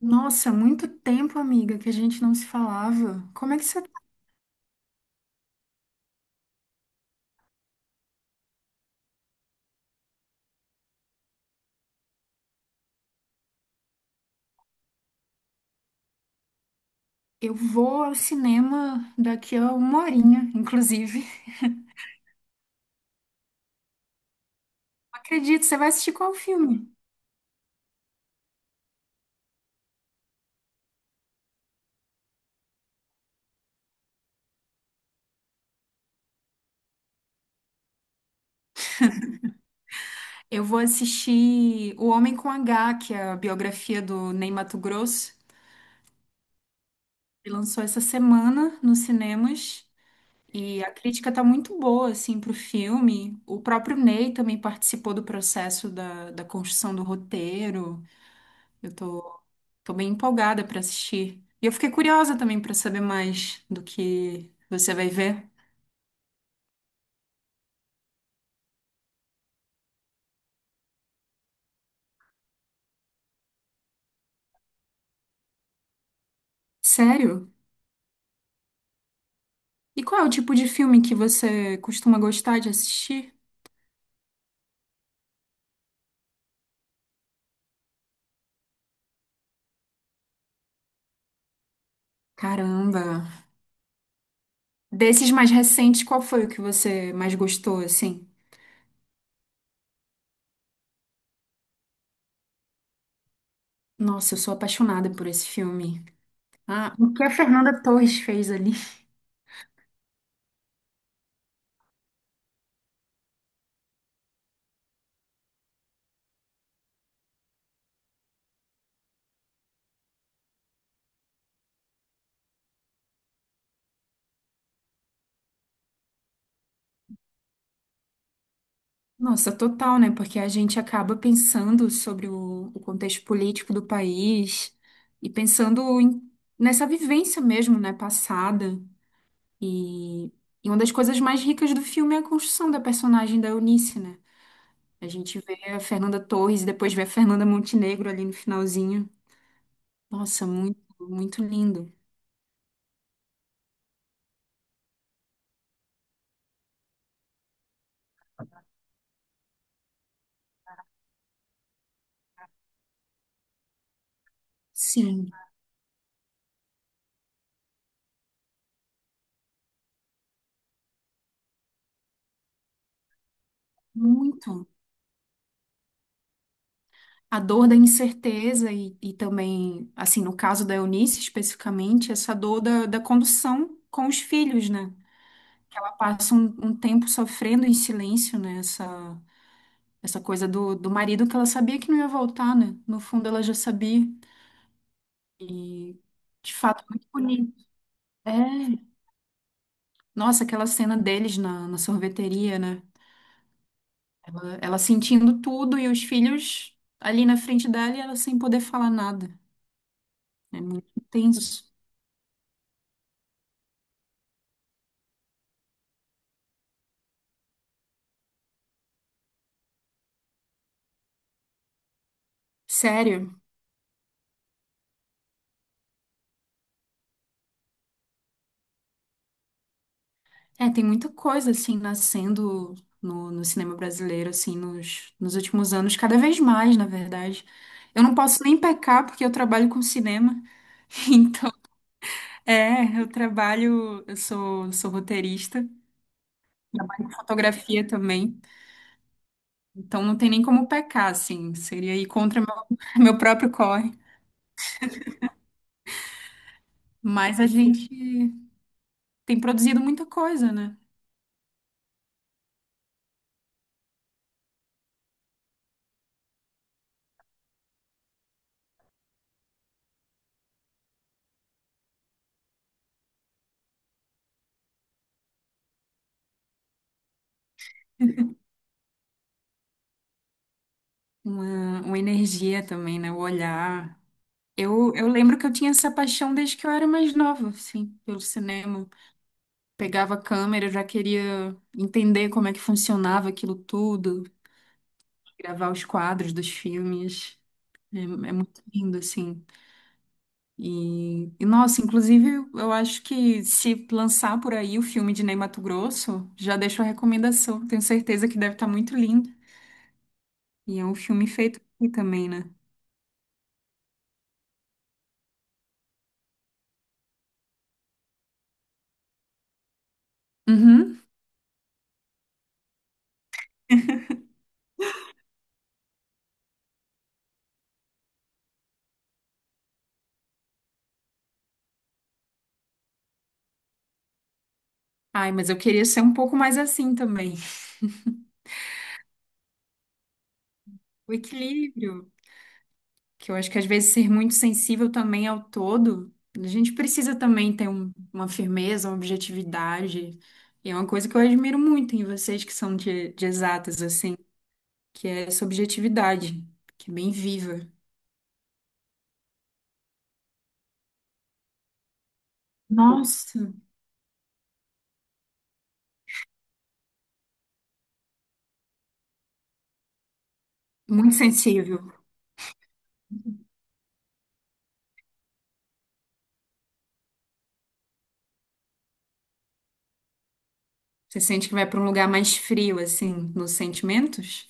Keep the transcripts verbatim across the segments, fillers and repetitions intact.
Nossa, muito tempo, amiga, que a gente não se falava. Como é que você tá? Eu vou ao cinema daqui a uma horinha, inclusive. Não acredito, você vai assistir qual filme? Eu vou assistir O Homem com H, que é a biografia do Ney Matogrosso. Ele lançou essa semana nos cinemas e a crítica tá muito boa, assim, pro filme. O próprio Ney também participou do processo da, da construção do roteiro. Eu tô Tô bem empolgada pra assistir. E eu fiquei curiosa também pra saber mais do que você vai ver. Sério? E qual é o tipo de filme que você costuma gostar de assistir? Caramba. Desses mais recentes, qual foi o que você mais gostou, assim? Nossa, eu sou apaixonada por esse filme. Ah, o que a Fernanda Torres fez ali? Nossa, total, né? Porque a gente acaba pensando sobre o, o contexto político do país e pensando em- nessa vivência mesmo, né, passada. E, e uma das coisas mais ricas do filme é a construção da personagem da Eunice, né? A gente vê a Fernanda Torres e depois vê a Fernanda Montenegro ali no finalzinho. Nossa, muito, muito lindo. Sim, muito. A dor da incerteza e, e também, assim, no caso da Eunice especificamente, essa dor da, da condução com os filhos, né? Que ela passa um, um tempo sofrendo em silêncio, né? Essa, essa coisa do, do marido que ela sabia que não ia voltar, né? No fundo, ela já sabia. E, de fato, muito bonito. É. Nossa, aquela cena deles na, na sorveteria, né? Ela, ela sentindo tudo e os filhos ali na frente dela e ela sem poder falar nada. É muito intenso. Sério. É, tem muita coisa, assim, nascendo no, no cinema brasileiro, assim, nos, nos últimos anos, cada vez mais, na verdade. Eu não posso nem pecar porque eu trabalho com cinema. Então, é, eu trabalho, eu sou, sou roteirista, trabalho com fotografia também. Então não tem nem como pecar, assim. Seria ir contra meu, meu próprio corre. Mas a gente tem produzido muita coisa, né? Uma, uma energia também, né? O olhar. Eu, eu lembro que eu tinha essa paixão desde que eu era mais nova, assim, pelo cinema. Pegava a câmera, eu já queria entender como é que funcionava aquilo tudo, gravar os quadros dos filmes. É, é muito lindo, assim. E, e, nossa, inclusive, eu acho que se lançar por aí o filme de Ney Matogrosso, já deixo a recomendação. Tenho certeza que deve estar muito lindo. E é um filme feito aqui também, né? Uhum. Ai, mas eu queria ser um pouco mais assim também. O equilíbrio, que eu acho que às vezes ser muito sensível também ao todo, a gente precisa também ter um- uma firmeza, uma objetividade. E é uma coisa que eu admiro muito em vocês que são de, de exatas, assim, que é essa objetividade, que é bem viva. Nossa, muito sensível. Você sente que vai para um lugar mais frio, assim, nos sentimentos?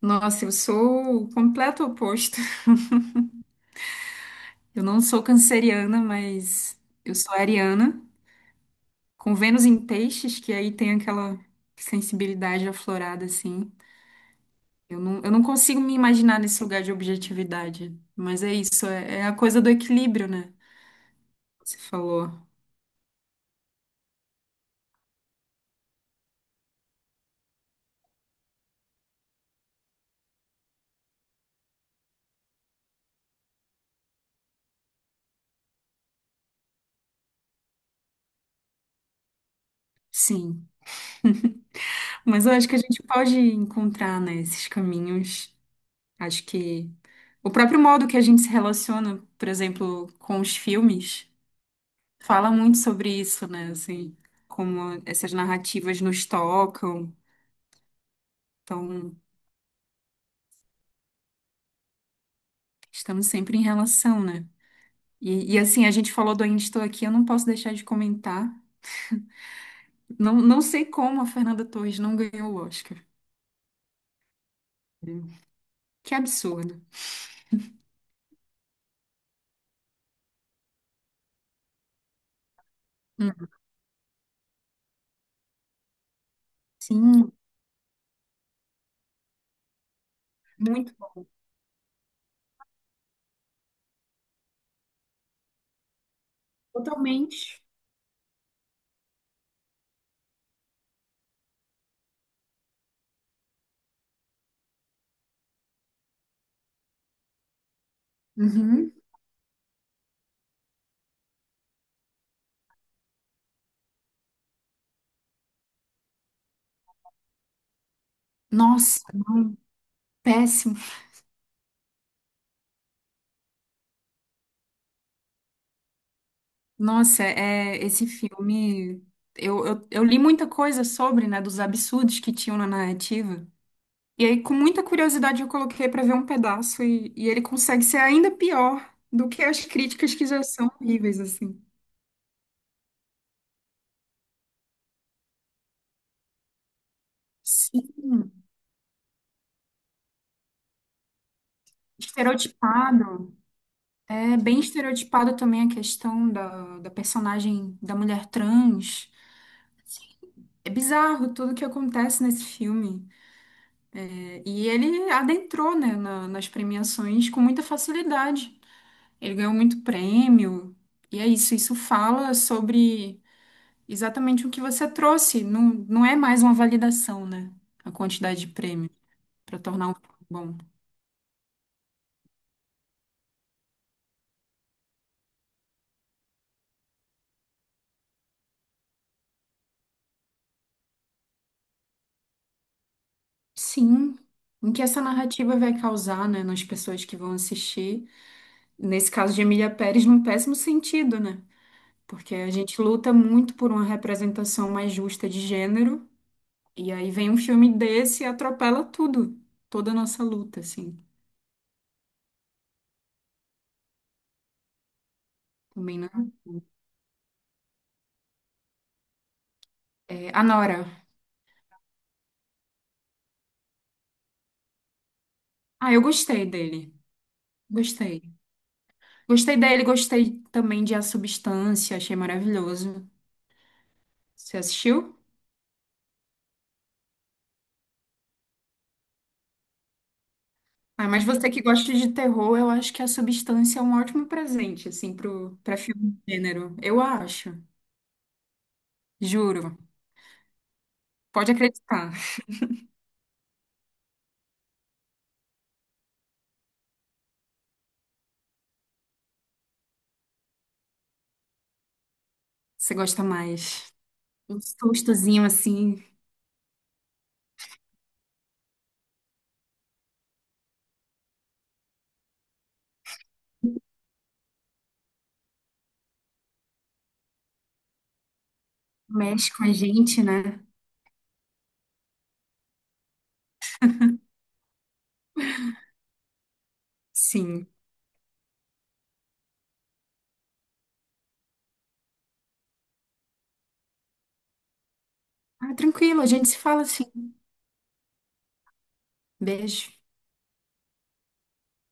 Nossa, eu sou o completo oposto. Eu não sou canceriana, mas eu sou ariana, com Vênus em peixes, que aí tem aquela sensibilidade aflorada, assim. Eu não, eu não consigo me imaginar nesse lugar de objetividade. Mas é isso, é, é a coisa do equilíbrio, né? Você falou. Sim. Mas eu acho que a gente pode encontrar, né, esses caminhos. Acho que o próprio modo que a gente se relaciona, por exemplo, com os filmes, fala muito sobre isso, né? Assim, como essas narrativas nos tocam. Então, estamos sempre em relação, né? E, e, assim, a gente falou do Ainda Estou Aqui, eu não posso deixar de comentar. Não, não sei como a Fernanda Torres não ganhou o Oscar. Que absurdo. Hum. Sim, muito bom. Totalmente. Uhum. Nossa, não. Péssimo. Nossa, é, esse filme. Eu, eu, eu li muita coisa sobre, né, dos absurdos que tinham na narrativa. E aí, com muita curiosidade, eu coloquei pra ver um pedaço e, e ele consegue ser ainda pior do que as críticas que já são horríveis, assim. Sim, estereotipado. É bem estereotipado também a questão da, da personagem da mulher trans. É bizarro tudo que acontece nesse filme. É, e ele adentrou, né, na- nas premiações com muita facilidade. Ele ganhou muito prêmio. E é isso, isso fala sobre exatamente o que você trouxe. Não, não é mais uma validação, né? A quantidade de prêmio para tornar um filme bom. Sim. O que essa narrativa vai causar, né, nas pessoas que vão assistir? Nesse caso de Emília Pérez, num péssimo sentido, né? Porque a gente luta muito por uma representação mais justa de gênero, e aí vem um filme desse e atropela tudo, toda a nossa luta, assim. Também, né? É, Anora. Ah, eu gostei dele. Gostei. Gostei dele, gostei também de A Substância, achei maravilhoso. Você assistiu? Ah, mas você que gosta de terror, eu acho que A Substância é um ótimo presente, assim, pro, pra filme de gênero. Eu acho. Juro. Pode acreditar. Você gosta mais. Um sustozinho, assim, mexe com a gente, né? Sim. Ah, tranquilo, a gente se fala assim. Beijo.